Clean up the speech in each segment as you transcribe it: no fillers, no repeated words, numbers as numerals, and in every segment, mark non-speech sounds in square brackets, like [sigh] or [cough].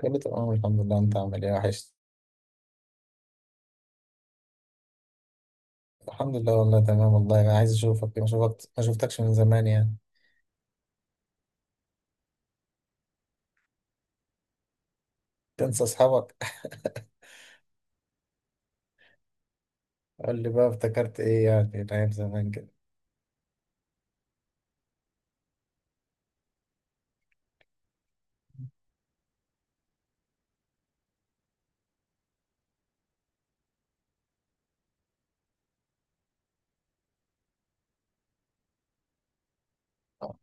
كله تمام الحمد لله. انت عامل ايه وحش؟ الحمد لله والله تمام. والله انا عايز اشوفك، ما شفتكش من زمان يعني. تنسى اصحابك؟ [laughs] قول لي بقى افتكرت ايه يعني من ايام زمان كده. آه.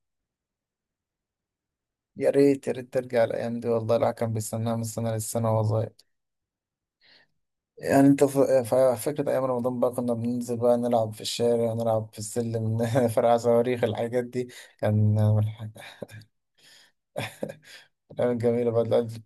يا ريت يا ريت ترجع الايام دي والله، الواحد كان بيستناها من السنه للسنه وهو صغير. يعني انت فاكر ايام رمضان؟ بقى كنا بننزل بقى نلعب في الشارع، نلعب في السلم، [laughs] فرقع صواريخ، الحاجات دي. كان الايام جميله بقى دلوقتي.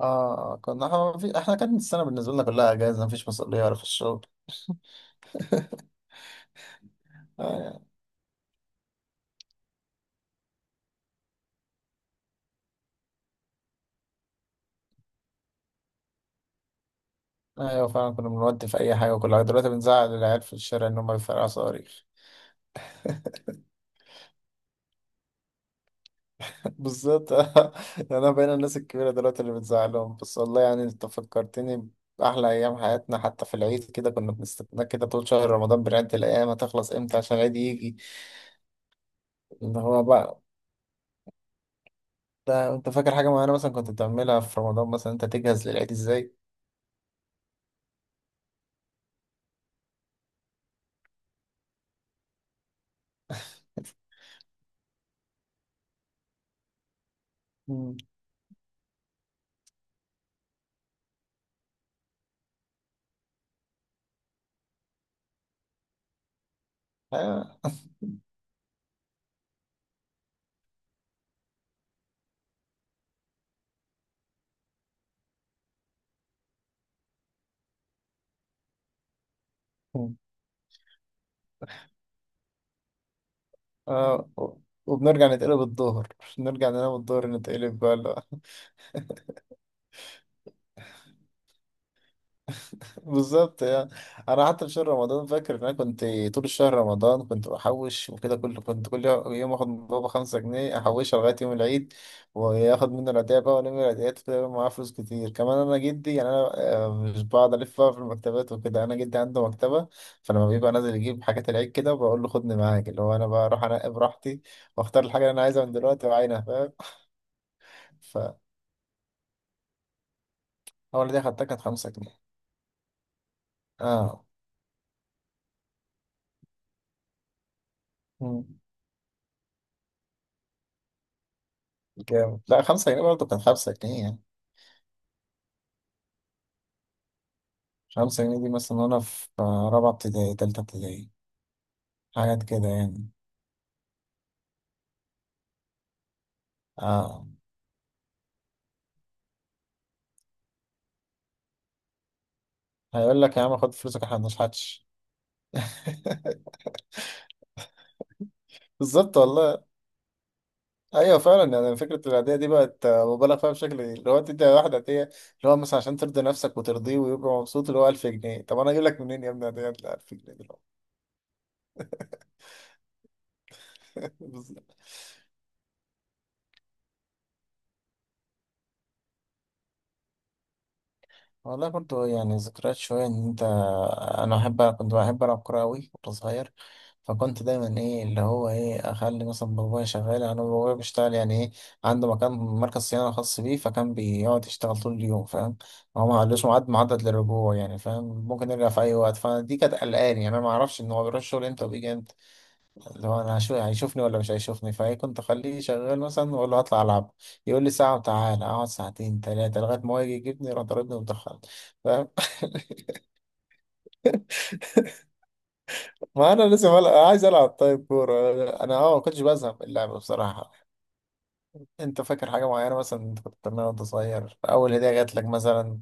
اه كنا احنا ما في- احنا كانت السنه بالنسبه لنا كلها اجازه، مفيش مسؤوليه ولا في الشغل. آه، ايوه فعلا، كنا بنودي في اي حاجه وكل حاجه. دلوقتي بنزعل العيال في الشارع ان هم بيفرقعوا صواريخ. [laughs] بالظبط. [laughs] انا بقينا الناس الكبيره دلوقتي اللي بتزعلهم، بس والله يعني انت فكرتني باحلى ايام حياتنا. حتى في العيد كده كنا بنستنى كده طول شهر رمضان، بنعد الايام هتخلص امتى عشان العيد يجي. ان هو بقى ده، انت فاكر حاجه معينه مثلا كنت بتعملها في رمضان؟ مثلا انت تجهز للعيد ازاي؟ مم. [laughs] آه. آه. وبنرجع نتقلب الظهر، نرجع ننام الظهر نتقلب بقى. بالظبط يعني. انا حتى في شهر رمضان فاكر ان انا كنت طول الشهر رمضان كنت بحوش وكده، كل يوم اخد من بابا 5 جنيه احوشها لغايه يوم العيد، وياخد منه العيدية بقى، والم العيديات كده يبقى معاه فلوس كتير كمان. انا جدي يعني، انا مش بقعد الف بقى في المكتبات وكده. انا جدي عنده مكتبه، فلما بيبقى نازل يجيب حاجات العيد كده بقول له خدني معاك، اللي هو انا بروح انقي براحتي واختار الحاجه اللي انا عايزها من دلوقتي وعينها، فاهم. فاول دي خدتها كانت 5 جنيه. اه. مم. جامد. لا 5 جنيه برضه، كان 5 جنيه يعني. 5 جنيه دي مثلا وأنا في رابعة ابتدائي، تالتة ابتدائي، حاجات كده يعني. آه. هيقول لك يا عم خد فلوسك احنا مبنشحتش. بالظبط والله. أيوه فعلا، يعني فكرة العادية دي بقت مبالغ فيها، بشكل اللي هو تدي واحد عادية اللي هو مثلا عشان ترضي نفسك وترضيه ويبقى مبسوط اللي هو 1000 جنيه. طب أنا أجيب لك منين يا ابني عادية 1000 جنيه دلوقتي؟ [laughs] بالظبط. والله برضه يعني ذكريات شوية، إن أنت أنا أحب كنت بحب ألعب كورة أوي وأنا صغير. فكنت دايما ايه اللي هو ايه اخلي مثلا بابايا شغال، انا بابايا بيشتغل يعني ايه، عنده مكان مركز صيانه خاص بيه، فكان بيقعد يشتغل طول اليوم، فاهم. هو ما قالوش ميعاد محدد للرجوع يعني، فاهم، ممكن يرجع في اي وقت. فدي كانت قلقاني يعني، انا ما اعرفش ان هو بيروح الشغل امتى وبيجي امتى، اللي هو انا هيشوفني ولا مش هيشوفني. فايه كنت اخليه شغال مثلا واقول له هطلع العب، يقول لي ساعه، وتعالى اقعد ساعتين ثلاثه لغايه ما هو يجي يجيبني يروح ضاربني ومدخلني، فاهم. [laughs] ما انا لازم ألعب. عايز العب طيب، كوره انا، ما كنتش بزهق من اللعب بصراحه. انت فاكر حاجة معينة مثلا انت كنت بتعملها وانت صغير؟ اول هدية جات لك مثلا؟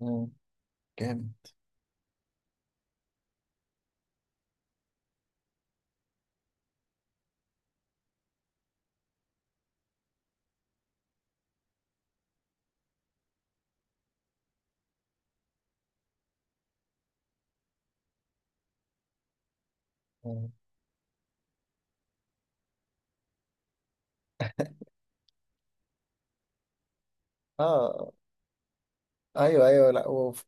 مم. جامد. مم. اه. ايوه ايوه، لا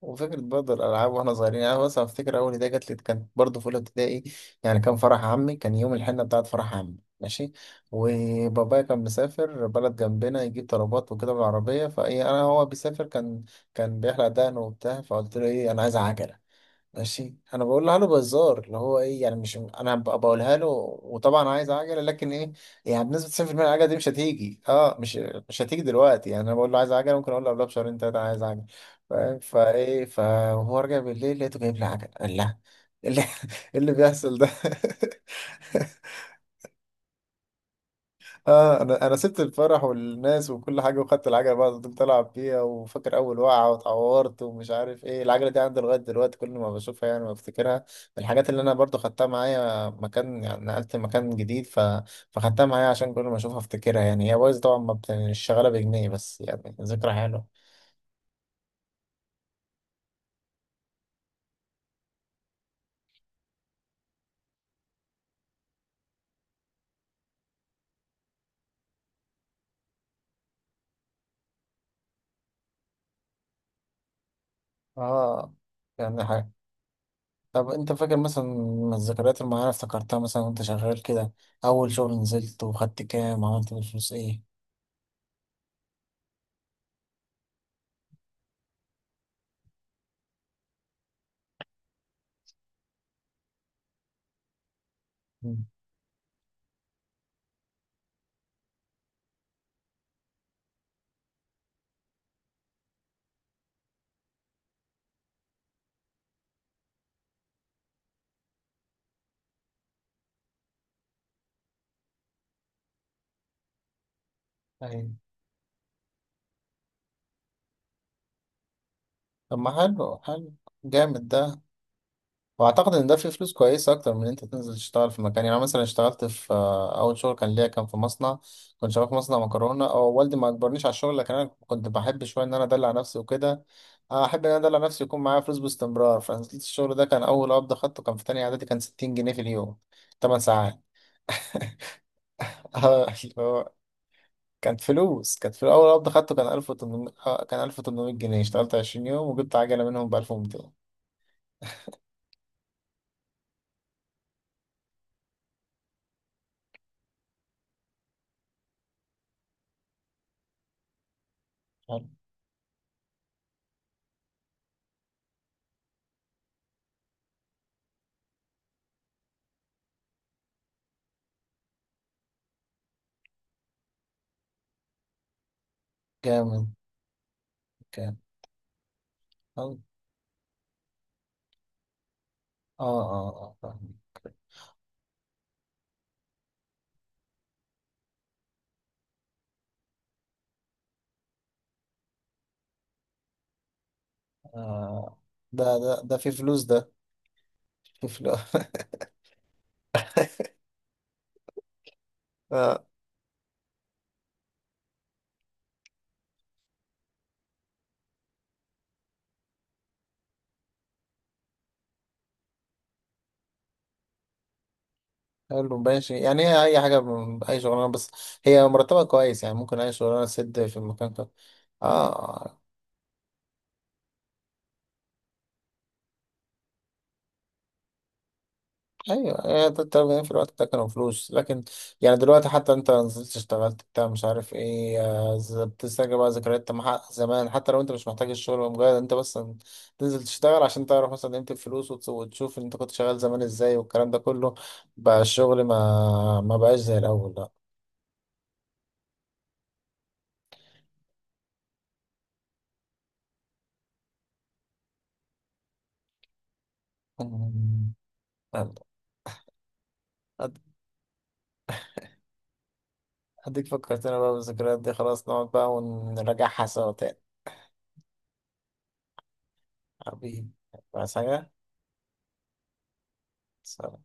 وفكرة برضه الالعاب واحنا صغيرين، يعني انا مثلا افتكر اول هدية جات لي كانت برضه في اولى ابتدائي، يعني كان فرح عمي، كان يوم الحنة بتاعت فرح عمي ماشي. وبابايا كان مسافر بلد جنبنا يجيب طلبات وكده بالعربية، فايه انا هو بيسافر، كان كان بيحلق دقنه وبتاع، فقلت له ايه، انا عايز عجلة. ماشي، انا بقولها له بهزار اللي هو ايه يعني، مش انا بقولها له. وطبعا عايز عجله لكن ايه، يعني بنسبه 90% العجله دي مش هتيجي. مش هتيجي دلوقتي يعني. انا بقول له عايز عجله، ممكن اقول له قبلها بشهرين ثلاثه عايز عجله، فاهم؟ فايه فهو رجع بالليل لقيته جايب لي عجله. قال لا، إيه اللي [laughs] إيه اللي بيحصل ده؟ [laughs] اه، انا سبت الفرح والناس وكل حاجه وخدت العجله بقى، فضلت العب فيها، وفاكر اول وقعه واتعورت ومش عارف ايه. العجله دي عندي لغايه دلوقتي، كل ما بشوفها يعني بفتكرها من الحاجات اللي انا برضو خدتها معايا مكان. يعني نقلت مكان جديد، فخدتها معايا عشان كل ما اشوفها افتكرها يعني. هي بايظه طبعا، ما بت- مش شغاله بجنيه، بس يعني ذكرى حلوه. اه. يعني حاجه. طب انت فاكر مثلا من الذكريات المعينه افتكرتها مثلا وانت شغال كده؟ اول شغل نزلت وخدت كام؟ عملت بالفلوس ايه؟ مم. أيوة. طب ما حلو حلو. جامد ده. واعتقد ان ده فيه فلوس كويسه اكتر من ان انت تنزل تشتغل في مكان، يعني أنا مثلا اشتغلت في آه، اول شغل كان ليا كان في مصنع. كنت شغال في مصنع مكرونه، او والدي ما اجبرنيش على الشغل لكن انا كنت بحب شويه ان انا ادلع نفسي وكده، احب ان انا ادلع نفسي، يكون معايا فلوس باستمرار. فنزلت الشغل ده، كان اول قبض خدته كان في تانية اعدادي كان 60 جنيه في اليوم، 8 ساعات. [laughs] اللي هو كانت فلوس. كانت في اول قبض خدته كان 1800 جنيه، اشتغلت 20 يوم وجبت عجله منهم ب 1200. حلو. جامد. اه اه اه فاهم. آه. ده في فلوس ده. في فلوس. [laughs] آه. حلو ماشي يعني، هي اي حاجه، اي شغلانه، بس هي مرتبه كويس يعني، ممكن اي شغلانه تسد في المكان كده. اه ايوه، هي ده التمرين في الوقت ده كانوا فلوس، لكن يعني دلوقتي، حتى انت نزلت اشتغلت بتاع مش عارف ايه، بتسترجع بقى ذكريات مع زمان، حتى لو انت مش محتاج الشغل، مجرد انت بس تنزل تشتغل عشان تعرف مثلا قيمة الفلوس، وتشوف انت كنت شغال زمان ازاي والكلام ده كله. بقى الشغل ما بقاش زي الاول لا. أمم. يلا. أد- اديك فكرتنا بقى بالذكريات دي، خلاص نقعد بقى ونراجعها سوا تاني. حبيبي. عايز حاجة؟ سلام.